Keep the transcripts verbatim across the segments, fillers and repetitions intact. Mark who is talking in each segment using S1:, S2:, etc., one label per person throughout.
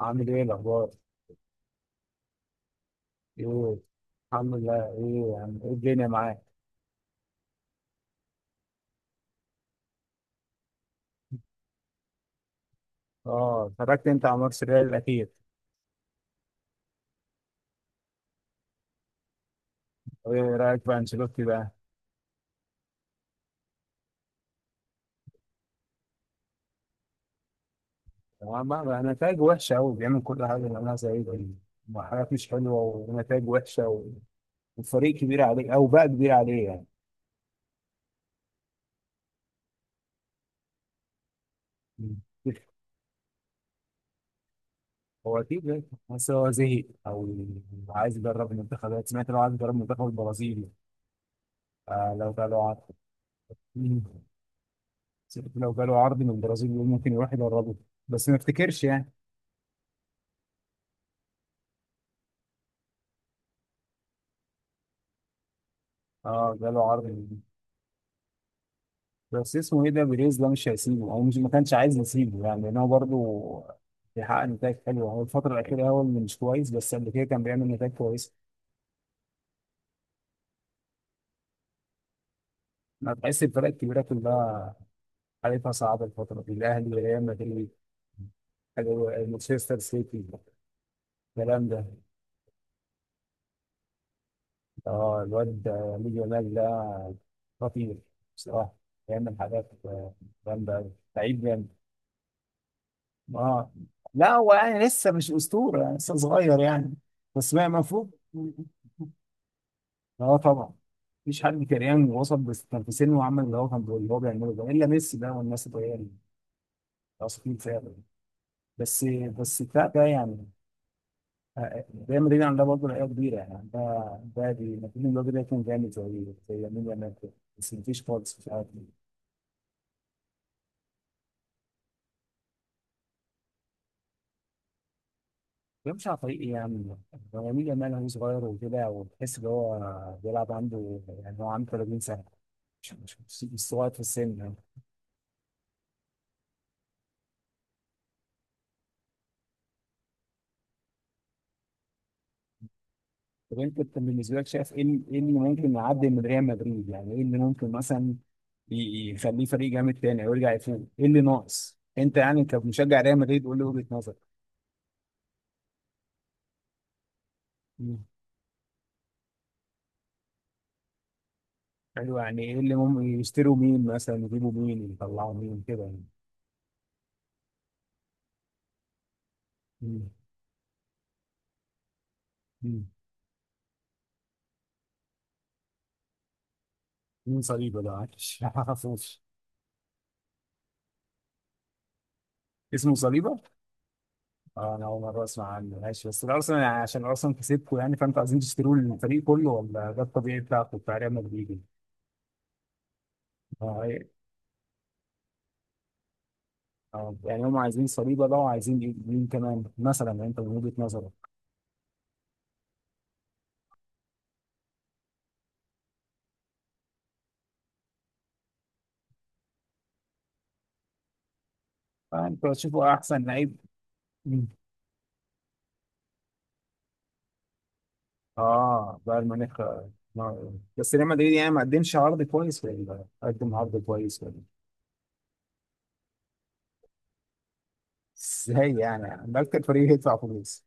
S1: عامل ايه الاخبار؟ ايه الحمد لله. ايه يعني، ايه الدنيا معاك؟ اه اتفرجت انت على ماتش الريال الاخير. طب ايه رايك في انشيلوتي بقى؟ طبعا، بقى بقى نتائج وحشه قوي، بيعمل كل حاجه اللي عملها زي ده وحاجات مش حلوه ونتائج وحشه و- والفريق كبير عليه، او بقى كبير عليه يعني. مم. هو اكيد، بس هو زهق او عايز يدرب المنتخبات. سمعت لو عايز يدرب منتخب البرازيل. آه لو جاله عرض. مم. سمعت لو جاله عرض من البرازيل يقول ممكن يروح يدربه، بس ما افتكرش يعني. اه جاله عرض جديد. بس اسمه ايه ده، بيريز ده مش هيسيبه، او مش ما كانش عايز يسيبه يعني، لان هو برضه بيحقق نتائج حلوه. هو الفتره الاخيره هو اللي مش كويس، بس قبل كده كان بيعمل نتائج كويسه. انا بحس الفرق الكبيره كلها حالتها صعبه الفتره دي، الاهلي، ريال مدريد، ال- مانشستر سيتي، الكلام ده. اه الواد لامين يامال ده خطير بصراحه، بيعمل حاجات آه، جامده أوي. لعيب جامد. اه، لا هو يعني لسه مش اسطوره يعني، لسه صغير يعني. بس ما المفروض، اه طبعا. مفيش حد كريان وصل بس كان في سنه وعمل اللي هو كان بيقول- اللي هو بيعمله ده الا ميسي ده، والناس اللي هي الاصليين فعلا. بس بس بتاع ده يعني. آه، آه، ريال مدريد عندها برضه لعيبه كبيره يعني. ده ده دي مدريد الراجل ده كان جامد زي زي يمين يامال كده. بس مفيش خالص، مش عارف بيمشي على طريق ايه يعني. هو يمين يامال هو صغير وكده، وتحس ان هو بيلعب عنده يعني، هو عنده تلاتين سنه. مش مش مش مش صغير في السن يعني. طب انت، أنت بالنسبه لك شايف ايه ال- ايه اللي ممكن يعدي من ريال مدريد؟ يعني ايه اللي ممكن مثلا ي- يخليه فريق جامد تاني او يرجع يفوق؟ ايه اللي ناقص انت يعني كمشجع ريال مدريد؟ قول لي وجهه نظرك. مم. حلو، يعني ايه اللي ممكن يشتروا؟ مين مثلا يجيبوا؟ مين يطلعوا مين كده يعني؟ مم. مم. مين صليبه ده؟ معلش ما اعرفوش. اسمه صليبه؟ اه، انا اول مره اسمع عنه، ماشي. بس الارسنال يعني، عشان ارسنال كسبكم يعني فانتوا عايزين تشتروا الفريق كله، ولا ده الطبيعي بتاعكم بتاع ريال مدريد يعني؟ آه، إيه؟ آه، يعني هم عايزين صليبه بقى، وعايزين إيه- مين كمان مثلا يعني انت من وجهه نظرك؟ فانتوا هتشوفوا احسن لعيب. مم. اه بايرن ميونخ آه، آه. بس ريال مدريد يعني ما قدمش عرض كويس، ولا قدم عرض كويس ولا؟ ازاي يعني؟ ده اكتر فريق يدفع فلوس.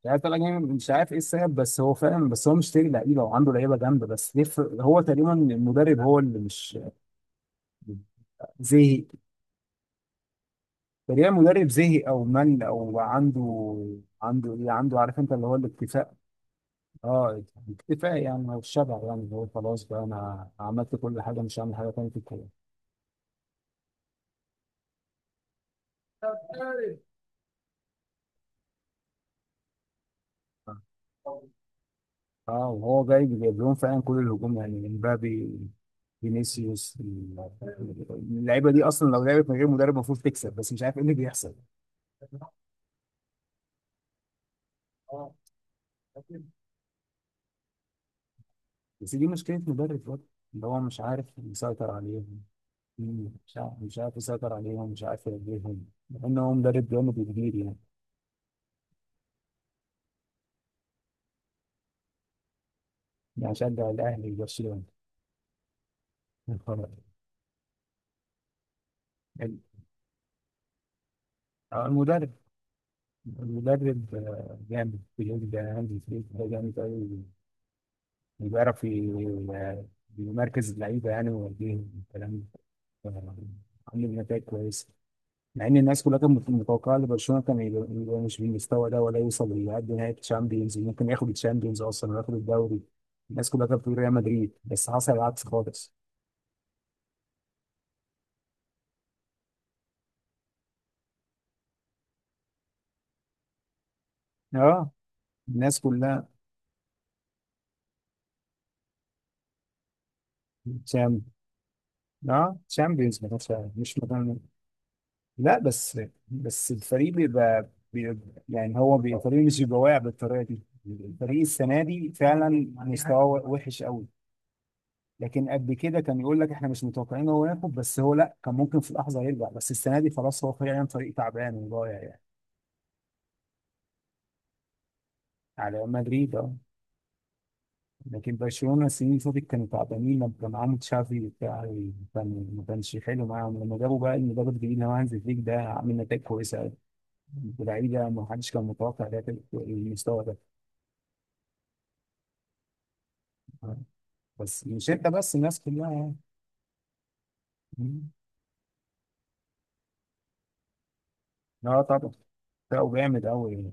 S1: مش عارف، طلع جامد، مش عارف ايه السبب، بس هو فعلا، بس هو مشتري لعيبه وعنده لعيبه جامده، بس ليه ف- هو تقريبا المدرب هو اللي مش زهق. تقريبا المدرب زهق او مل، او عنده عنده ايه، عنده، عارف انت اللي هو الاكتفاء. اه اكتفاء يعني، او الشبع يعني، اللي هو خلاص بقى انا عملت كل حاجه، مش هعمل حاجه تانيه في الكوره. اه وهو جاي جايب لهم فعلا كل الهجوم يعني، امبابي، فينيسيوس، اللعيبه دي اصلا لو لعبت من غير مدرب المفروض تكسب، بس مش عارف ايه اللي بيحصل. اه بس دي مشكله مدرب برضه، ان هو مش عارف يسيطر عليهم. مم. مش عارف، مش عارف يسيطر عليهم، مش عارف يوجههم، مع ان هو مدرب جامد كبير يعني. يعني شجع الاهلي وبرشلونه الفرق. ال- آه، المدرب. المدرب آه، جامد، بيقول ده عندي فريق ده جامد قوي، بيعرف ي- يمركز اللعيبه يعني ويوديهم الكلام ده. عامل نتائج كويسه، مع ان الناس كلها كانت متوقعه ان برشلونه كان يبقى يبقى مش بالمستوى ده، ولا يوصل لحد نهائي الشامبيونز. ممكن ياخد الشامبيونز اصلا وياخد الدوري. الناس كلها كانت بتقول ريال مدريد، بس حصل العكس خالص. اه الناس كلها. شام اه شامبيونز ما كانش مش مكان. لا بس، بس الفريق بيبقى بيبقى- يعني هو بي- الفريق مش بيبقى واقع بالطريقه دي. الفريق السنه دي فعلا مستواه وحش قوي. لكن قبل كده كان يقول لك احنا مش متوقعين هو ياخد، بس هو لا كان ممكن في لحظه يرجع، بس السنه دي خلاص هو فعلا فريق تعبان وضايع يعني. على مدريد اه. لكن برشلونه السنين اللي فاتت كانوا تعبانين لما كان معاهم تشافي وبتاع، كان ما كانش حلو معاهم. لما جابوا بقى المدرب الجديد اللي هو هانز فليك ده، عامل نتائج كويسه قوي، ولاعيبه ما حدش كان متوقع ده المستوى ده. بس مش انت بس، الناس كلها يعني. مم. لا طبعا، بقوا جامد قوي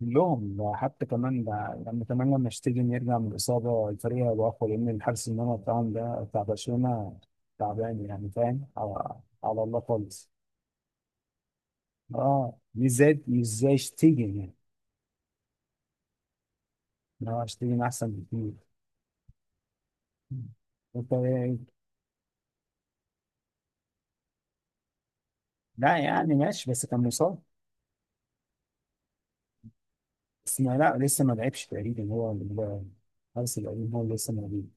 S1: كلهم، حتى كمان ده. لما كمان لما اشتيجن يرجع من الإصابة الفريق هيبقى أقوى، لأن الحارس المرمى بتاعهم ده بتاع برشلونة تعبان يعني، فاهم، على, على الله خالص. اه مش زي، مش زي اشتيجن يعني. اه اشتيجن أحسن بكتير. مم. انت إيه؟ لا يعني ماشي بس كان مصاب. بس ما، لا لسه ما لعبش تقريبا. هو ال- الحارس القديم هو اللي لسه موجود.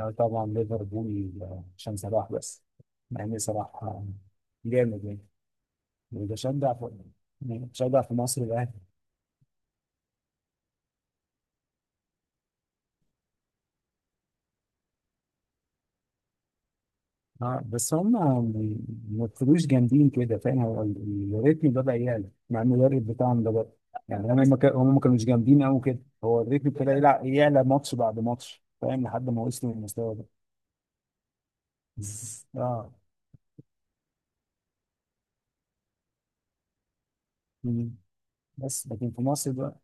S1: آه، طبعا ليفربول، آه، عشان صلاح بس، مع ان صلاح آه، جامد يعني. بشجع في، يعني بشجع في مصر الاهلي. اه بس هم ما يبقوش جامدين كده، فاهم، هو ال- ال- الريتم بدأ يعلى مع المدرب بتاعهم ده بقى. يعني هم ما كا- هم ما كانوش جامدين قوي كده، هو الريتم ابتدى يلع- يعلى، ماتش بعد ماتش، فاهم، لحد ما وصلوا للمستوى ده. اه مم. بس لكن في مصر بقى.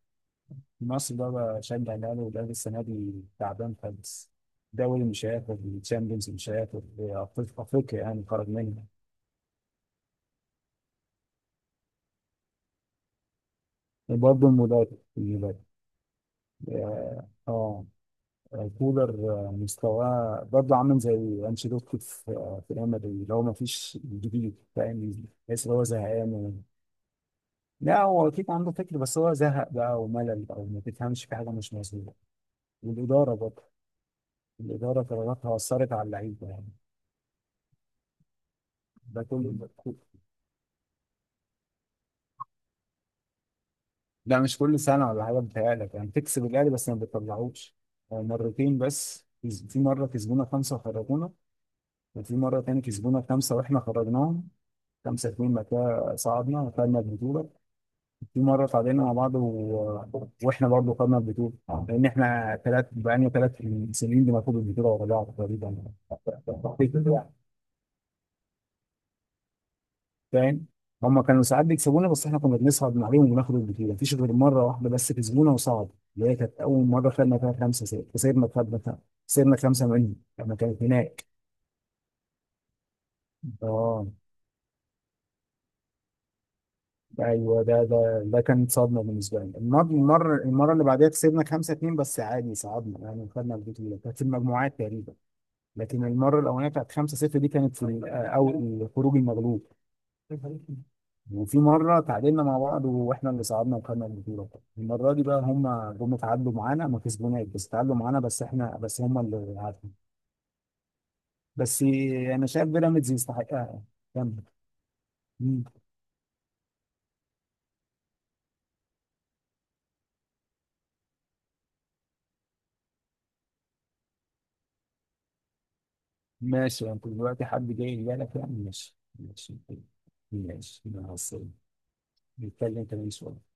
S1: مصر بقى بشجع الاهلي، والاهلي السنه دي تعبان خالص. دوري مش هياخد، الشامبيونز مش هياخد، أفريق- افريقيا يعني خرج منها. وبرضه المدرب، المدرب اه، آه، كولر آه، مستواه برضه عامل زي انشيلوتي في آه، في ريال مدريد، اللي هو ما فيش جديد، فاهم، تحس ان هو زهقان و-. لا هو اكيد عنده فكر، بس هو زهق بقى وملل، او ما تفهمش، في حاجه مش مظبوطه. والاداره برضه، الاداره قراراتها اثرت على اللعيبه يعني. ده كله. لا مش كل سنة ولا حاجة، بتهيألك يعني تكسب الأهلي بس ما بتطلعوش. هو مرتين بس كس- في مرة كسبونا خمسة وخرجونا، وفي مرة تاني كسبونا خمسة وإحنا خرجناهم خمسة اتنين، بعد كده صعدنا وخدنا البطولة. في مرة تعادلنا مع بعض و... وإحنا برضه خدنا البطولة، لأن إحنا تلات، بقالنا تلات سنين بناخد البطولة ورا بعض تقريبا. فاهم، هم كانوا ساعات بيكسبونا، بس احنا كنا بنصعد من عليهم وناخد البطوله. مفيش غير مره واحده بس كسبونا وصعد، اللي هي كانت اول مره خدنا فيها خمسه ست، كسبنا، خدنا، خسرنا خمسه منهم لما كانت هناك. اه ايوه ده، ده ده كانت صدمه بالنسبه لي. المره المره المره اللي بعدها كسبنا خمسه اتنين، بس عادي صعدنا يعني، خدنا البطوله، كانت في المجموعات تقريبا. لكن المره الاولانيه بتاعت خمسه صفر دي كانت في ال- او خروج المغلوب. وفي مرة تعادلنا مع بعض واحنا اللي صعدنا وخدنا البطولة. المرة دي بقى هم جم تعادلوا معانا، ما كسبوناش بس تعادلوا معانا، بس احنا، بس هم اللي عادوا. بس انا شايف بيراميدز يستحقها يعني. كمل. مم. ماشي، انت دلوقتي حد جاي يجي لك يعني، ماشي ماشي. ماشي مع السلامة. نتكلم كمان شوية.